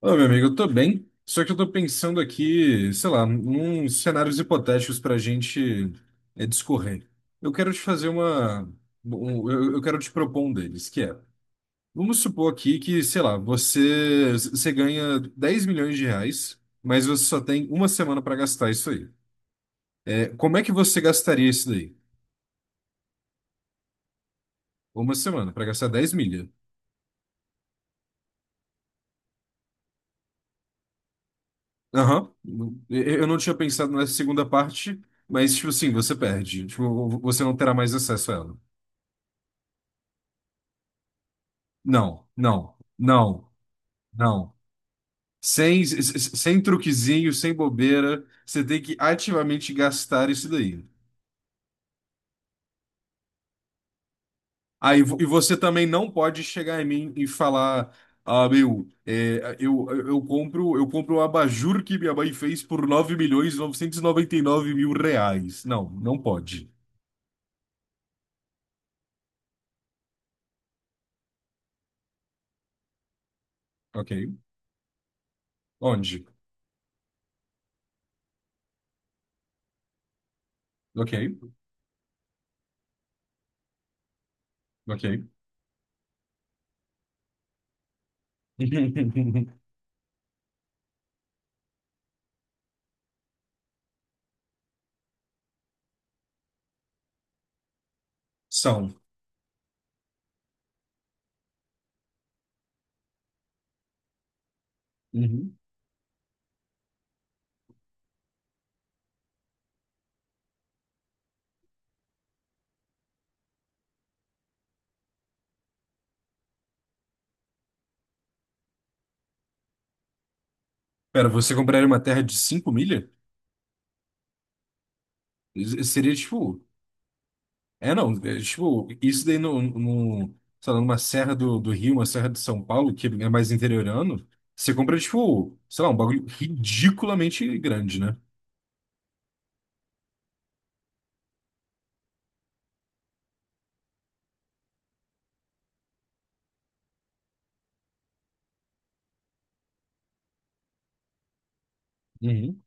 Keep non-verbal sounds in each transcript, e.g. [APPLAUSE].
Ô, meu amigo, eu tô bem, só que eu tô pensando aqui, sei lá, uns cenários hipotéticos pra gente discorrer. Eu quero te fazer uma. Eu quero te propor um deles, que é. Vamos supor aqui que, sei lá, você ganha 10 milhões de reais, mas você só tem uma semana pra gastar isso aí. É, como é que você gastaria isso daí? Uma semana, pra gastar 10 milha. Aham. Eu não tinha pensado nessa segunda parte, mas, tipo assim, você perde. Tipo, você não terá mais acesso a ela. Não, não, não, não. Sem, s- s- sem truquezinho, sem bobeira, você tem que ativamente gastar isso daí. Ah, e você também não pode chegar em mim e falar, ah, meu, eu compro um abajur que minha mãe fez por 9.999.000 reais. Não, não pode. Ok. Onde? Ok. Ok. [LAUGHS] São. Uhum. Pera, você compraria uma terra de 5 milha? Isso seria tipo. É, não. É, tipo, isso daí no, sei lá, numa serra do Rio, uma serra de São Paulo, que é mais interiorano, você compra, tipo, sei lá, um bagulho ridiculamente grande, né? Uhum.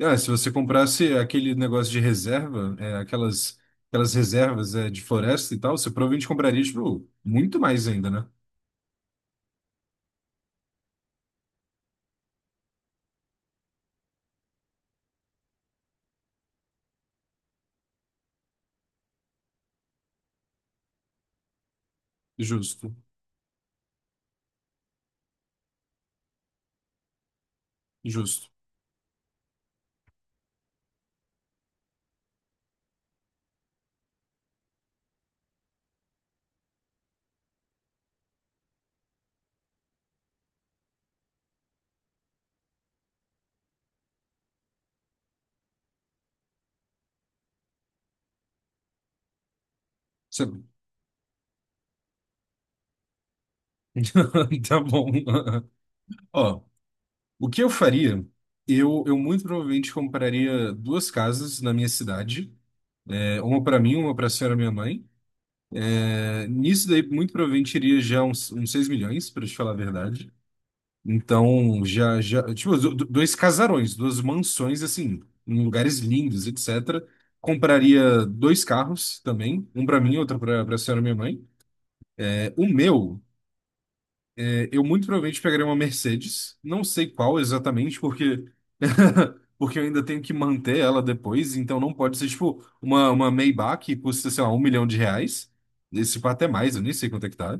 Ah, se você comprasse aquele negócio de reserva, aquelas reservas, de floresta e tal, você provavelmente compraria, tipo, muito mais ainda, né? Justo, justo. Você- [LAUGHS] Tá bom. Ó, o que eu faria? Eu muito provavelmente compraria duas casas na minha cidade, uma para mim, uma para a senhora minha mãe. É, nisso daí, muito provavelmente iria já uns 6 milhões, para te falar a verdade. Então, já, tipo, dois casarões, duas mansões, assim, em lugares lindos, etc. Compraria dois carros também, um para mim, outro para a senhora minha mãe. É, o meu. É, eu muito provavelmente pegaria uma Mercedes, não sei qual exatamente, porque [LAUGHS] porque eu ainda tenho que manter ela depois, então não pode ser tipo uma Maybach que custa, sei lá, um milhão de reais. Esse pá até mais, eu nem sei quanto é que tá.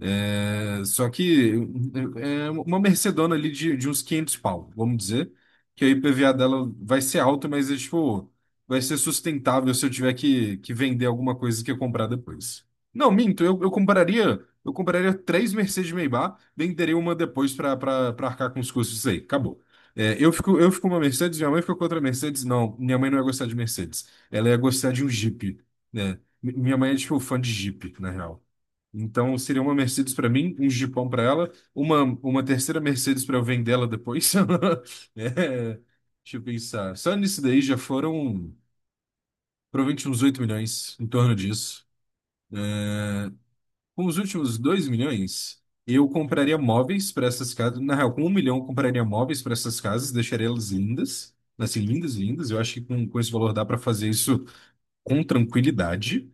É, só que é uma Mercedona ali de uns 500 pau, vamos dizer, que a IPVA dela vai ser alta, mas é, tipo, vai ser sustentável se eu tiver que vender alguma coisa que eu comprar depois. Não, minto, eu compraria. Eu compraria três Mercedes Maybach, venderia uma depois para arcar com os custos disso aí. Acabou. É, eu fico com uma Mercedes, minha mãe ficou com outra Mercedes. Não, minha mãe não ia gostar de Mercedes. Ela ia gostar de um Jeep, né? Minha mãe é, tipo, fã de Jeep, na real. Então, seria uma Mercedes para mim, um Jeepão para ela, uma terceira Mercedes para eu vender ela depois. [LAUGHS] É, deixa eu pensar. Só nisso daí já foram provavelmente uns 8 milhões, em torno disso. Com os últimos 2 milhões, eu compraria móveis para essas casas. Na real, com um milhão, eu compraria móveis para essas casas, deixaria elas lindas. Assim, lindas, lindas. Eu acho que com esse valor dá para fazer isso com tranquilidade.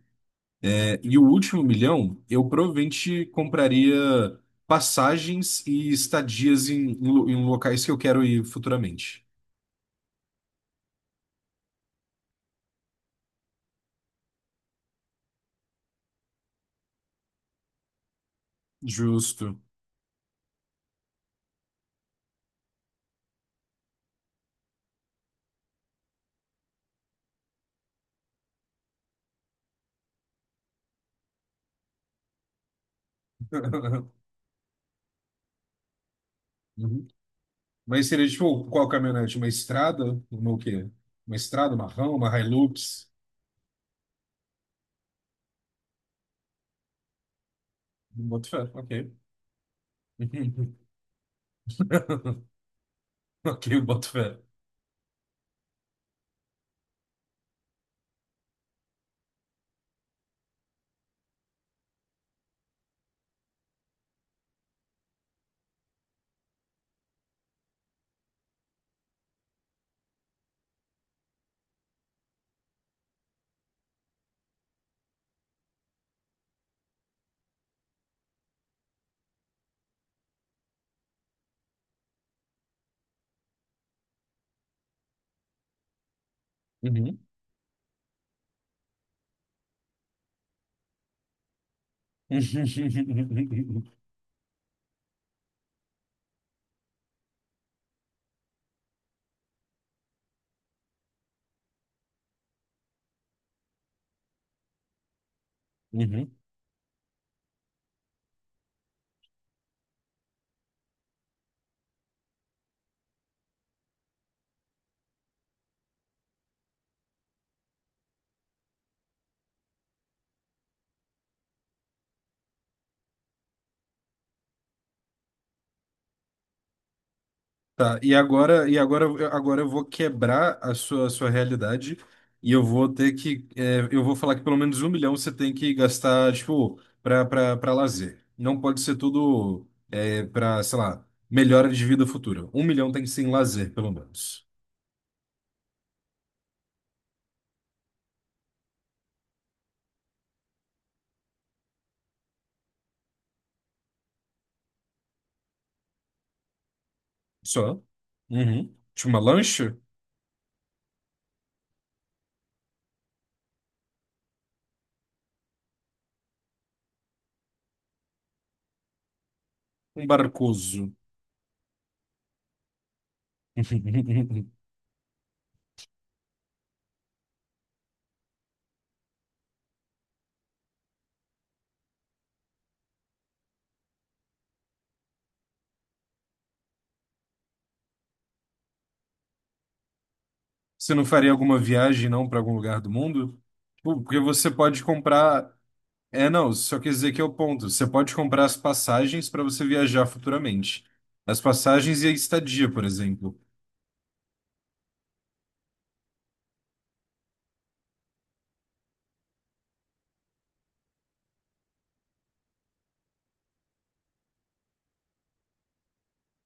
É, e o último milhão, eu provavelmente compraria passagens e estadias em locais que eu quero ir futuramente. Justo. [LAUGHS] Uhum. Mas seria tipo, qual caminhonete? Uma estrada? Uma o quê? Uma estrada, uma RAM, uma Hilux? Boto fé, ok. [LAUGHS] Uhum. Ok, eu boto fé. Uhum. [LAUGHS] Uhum. Tá, agora eu vou quebrar a sua realidade e eu vou ter que, eu vou falar que pelo menos um milhão você tem que gastar, tipo, pra lazer. Não pode ser tudo, pra, sei lá, melhora de vida futura. Um milhão tem que ser em lazer, pelo menos. Só. Uhum. Tipo, uma lancha? Um barcoso. [LAUGHS] Você não faria alguma viagem, não, para algum lugar do mundo? Tipo, porque você pode comprar. É, não, só quer dizer que é o ponto. Você pode comprar as passagens para você viajar futuramente. As passagens e a estadia, por exemplo.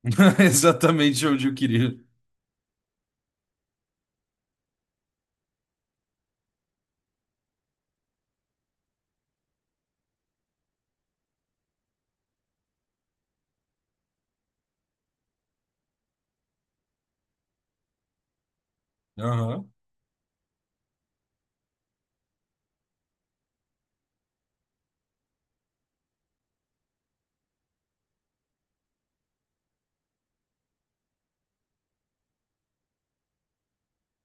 [LAUGHS] Exatamente onde eu queria. Aham,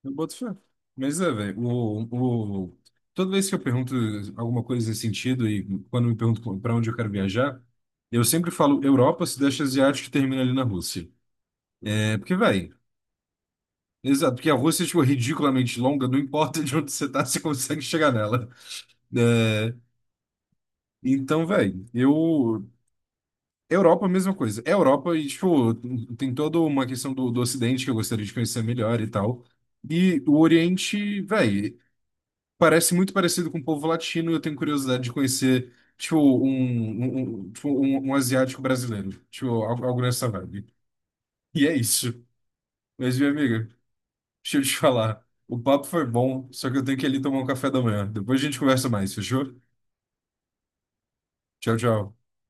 eu boto fé. Mas é, velho, toda vez que eu pergunto alguma coisa nesse sentido, e quando me pergunto para onde eu quero viajar, eu sempre falo Europa, Sudeste Asiático e termina ali na Rússia. É porque, velho. Exato, porque a Rússia é, tipo, ridiculamente longa, não importa de onde você tá, [LAUGHS] você consegue chegar nela. É, então, velho, eu. Europa, a mesma coisa. É Europa e, tipo, tem toda uma questão do Ocidente que eu gostaria de conhecer melhor e tal. E o Oriente, velho, parece muito parecido com o povo latino. Eu tenho curiosidade de conhecer, tipo, tipo um asiático brasileiro. Tipo, algo, algo nessa vibe. E é isso. Mas, minha amiga, deixa eu te falar. O papo foi bom, só que eu tenho que ir ali tomar um café da manhã. Depois a gente conversa mais, fechou? Tchau, tchau.